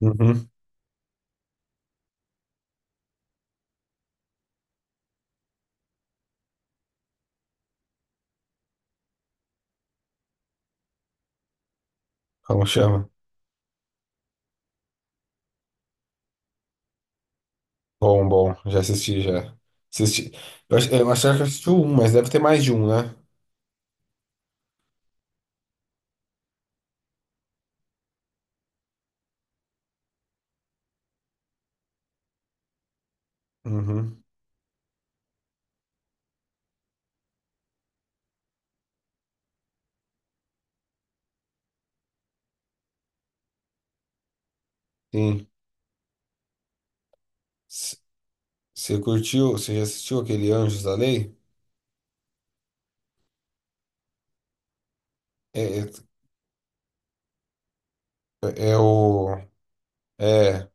Uhum. Como chama? Bom, bom, já assisti, já. Assisti. Eu acho que eu assisti um, mas deve ter mais de um, né? Uhum. Sim. Você já assistiu aquele Anjos da Lei? É, é, é o. É,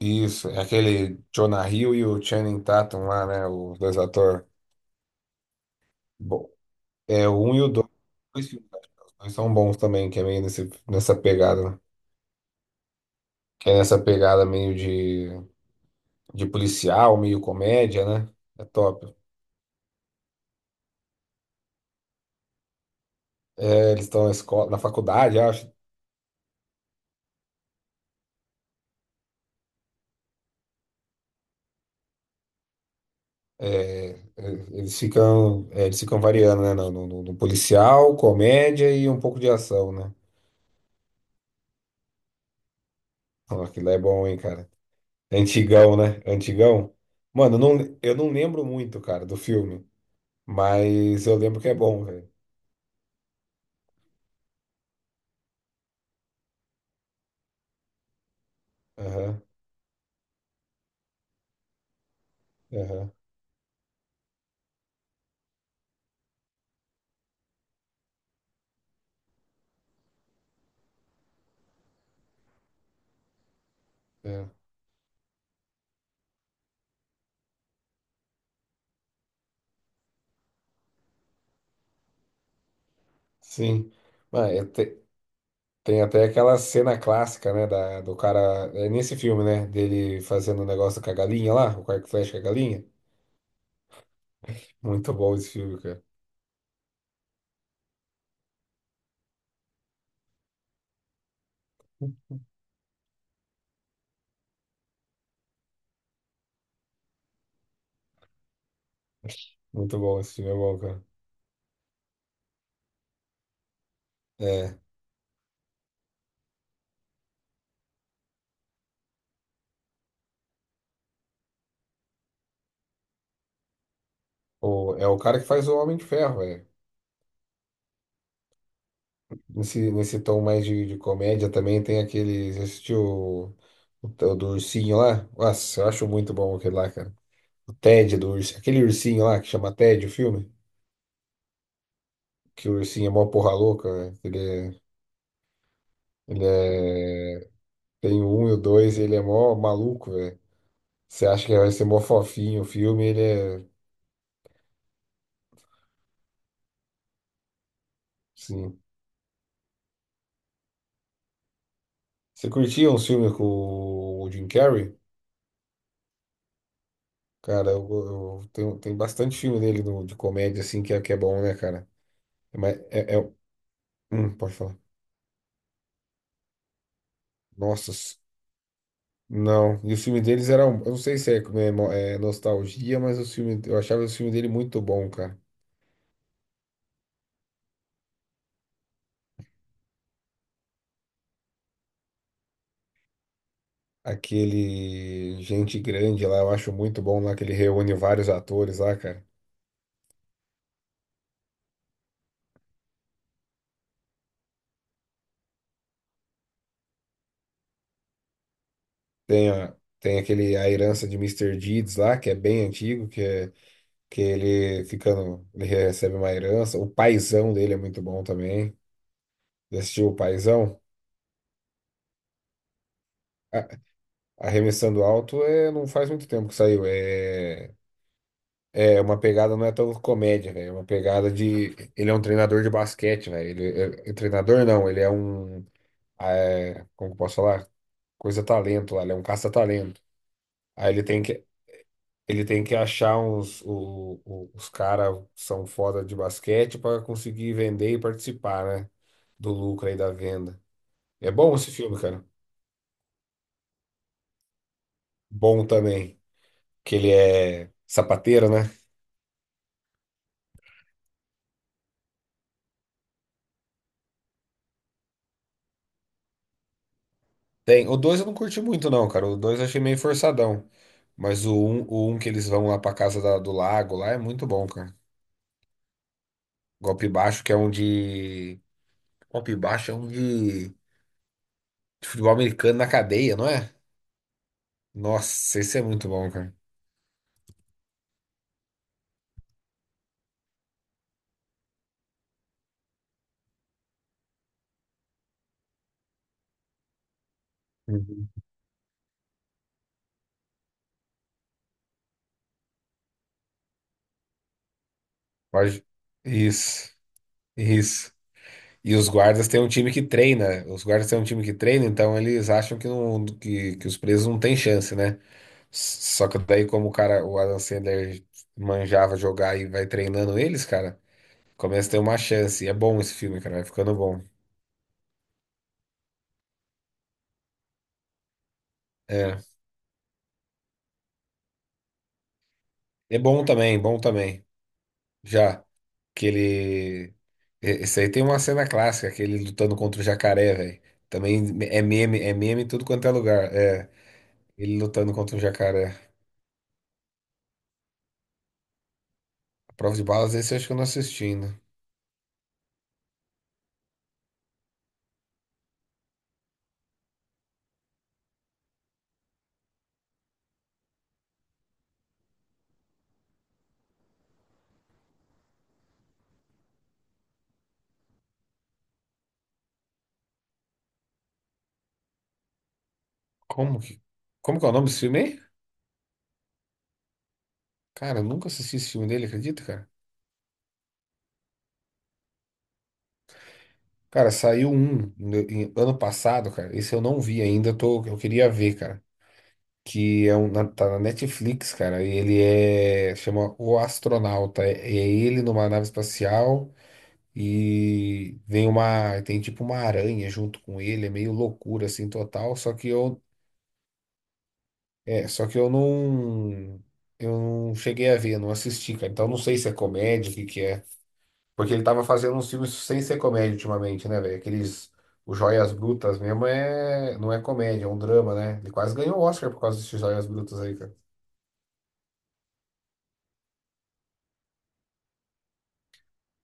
isso. É aquele Jonah Hill e o Channing Tatum lá, né? Os dois atores. Bom, é o um e o dois. Dois filmes, acho que os dois são bons também, que é meio nessa pegada, né? Que é nessa pegada meio de policial, meio comédia, né? É top. É, eles estão na escola, na faculdade, acho. É, eles ficam variando, né? No policial, comédia e um pouco de ação, né? Ó, aquilo é bom, hein, cara? É antigão, né? É antigão. Mano, eu não lembro muito, cara, do filme, mas eu lembro que é bom, velho. Aham, aham, é. Sim. Mano, tem até aquela cena clássica, né? Da, do cara. É nesse filme, né? Dele fazendo o negócio com a galinha lá, o arco e flecha com a galinha. Muito bom esse filme, cara. Muito bom, esse filme é bom, cara. É. É o cara que faz o Homem de Ferro, velho. Nesse, nesse tom mais de comédia também tem aquele. Você assistiu do ursinho lá? Nossa, eu acho muito bom aquele lá, cara. O Ted do ursinho. Aquele ursinho lá que chama Ted, o filme. Que o ursinho é mó porra louca, velho. Ele é. Tem o um e o dois, ele é mó maluco, velho. Você acha que vai ser mó fofinho o filme, ele é. Sim. Você curtia um filme com o Jim Carrey? Cara, tem bastante filme dele de comédia, assim, que é bom, né, cara? Mas é, é- pode falar. Nossa, não. E os filmes deles eram. Eu não sei se é, como é, é nostalgia, mas os filmes, eu achava os filmes dele muito bom, cara. Aquele Gente Grande lá, eu acho muito bom lá, que ele reúne vários atores lá, cara. Tem, a, tem aquele A Herança de Mister Deeds lá, que é bem antigo, que ele ficando. Ele recebe uma herança. O paizão dele é muito bom também. Já assistiu o Paizão? A- Arremessando alto é, não faz muito tempo que saiu. É uma pegada, não é tão comédia, velho. É uma pegada de. Ele é um treinador de basquete, velho. Ele é treinador, não. Ele é um. Como que eu posso falar? Coisa talento lá. Ele é um caça-talento. Aí ele tem que achar uns. Os caras são foda de basquete para conseguir vender e participar, né? Do lucro aí da venda. É bom esse filme, cara. Bom também. Que ele é sapateiro, né? Tem. O 2 eu não curti muito, não, cara. O 2 eu achei meio forçadão. Mas o um que eles vão lá pra casa do lago lá é muito bom, cara. Golpe baixo, que é um de. Golpe baixo é um de futebol americano na cadeia, não é? Nossa, esse é muito bom, cara. Uhum. Pode- Isso, isso. E os guardas têm um time que treina. Os guardas têm um time que treina, então eles acham que, não, que os presos não têm chance, né? Só que daí, como o cara, o Adam Sandler manjava jogar e vai treinando eles, cara, começa a ter uma chance. E é bom esse filme, cara, vai ficando bom. É, é bom também, bom também. Já que ele, e- esse aí tem uma cena clássica, aquele lutando contra o jacaré, velho. Também é meme em tudo quanto é lugar. É, ele lutando contra o jacaré. A prova de balas, esse eu acho que eu não assisti ainda. Como que, como que é o nome desse filme aí? Cara, eu nunca assisti esse filme dele, acredita, cara? Cara, saiu um ano passado, cara. Esse eu não vi ainda, eu queria ver, cara. Que é um, tá na Netflix, cara. E chama O Astronauta. É ele numa nave espacial e tem tipo uma aranha junto com ele. É meio loucura assim total. Só que eu não cheguei a ver, não assisti, cara. Então não sei se é comédia, o que que é. Porque ele tava fazendo uns filmes sem ser comédia ultimamente, né, velho? Aqueles. O Joias Brutas mesmo é. Não é comédia, é um drama, né? Ele quase ganhou o Oscar por causa desses Joias Brutas aí, cara.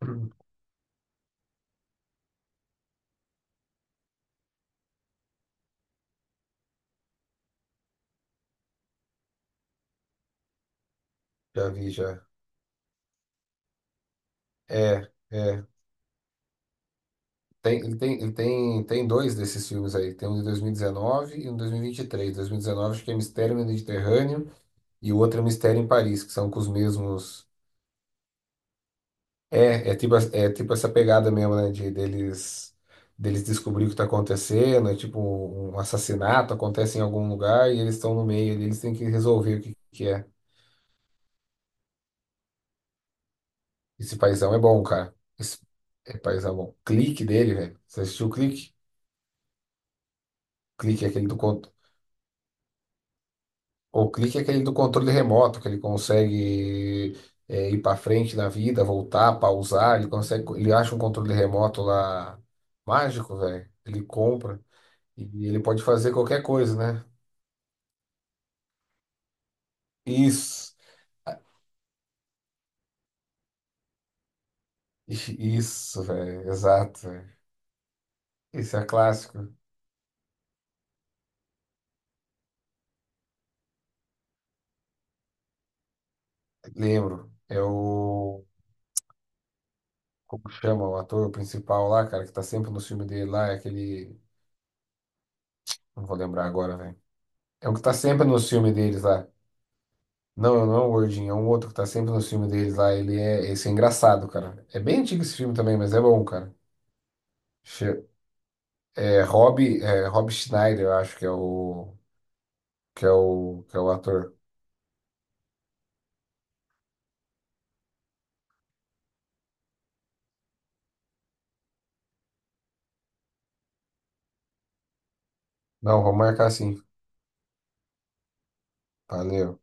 Já vi, já. É, é. Tem dois desses filmes aí. Tem um de 2019 e um de 2023. 2019 acho que é Mistério no Mediterrâneo e o outro é Mistério em Paris, que são com os mesmos. É tipo essa pegada mesmo, né? De deles descobrir o que tá acontecendo, é tipo um assassinato acontece em algum lugar e eles estão no meio ali, eles têm que resolver o que é. Esse paizão é bom, cara. Esse é paizão bom. Clique dele, velho. Você assistiu o clique? Clique é aquele do conto. O clique é aquele do controle remoto, que ele consegue, ir pra frente na vida, voltar, pausar, ele consegue. Ele acha um controle remoto lá mágico, velho. Ele compra. E ele pode fazer qualquer coisa, né? Isso, isso, velho, exato, velho. Esse é clássico. Lembro. É o. Como chama o ator principal lá, cara, que tá sempre no filme dele lá, é aquele. Não vou lembrar agora, velho. É o que tá sempre no filme deles lá. Não, não é o Gordinho, é um outro que tá sempre no filme deles lá. Ele é. Esse é engraçado, cara. É bem antigo esse filme também, mas é bom, cara. Che- é Rob Schneider, eu acho que é o. Que é o. Que é o ator. Não, vou marcar assim. Valeu.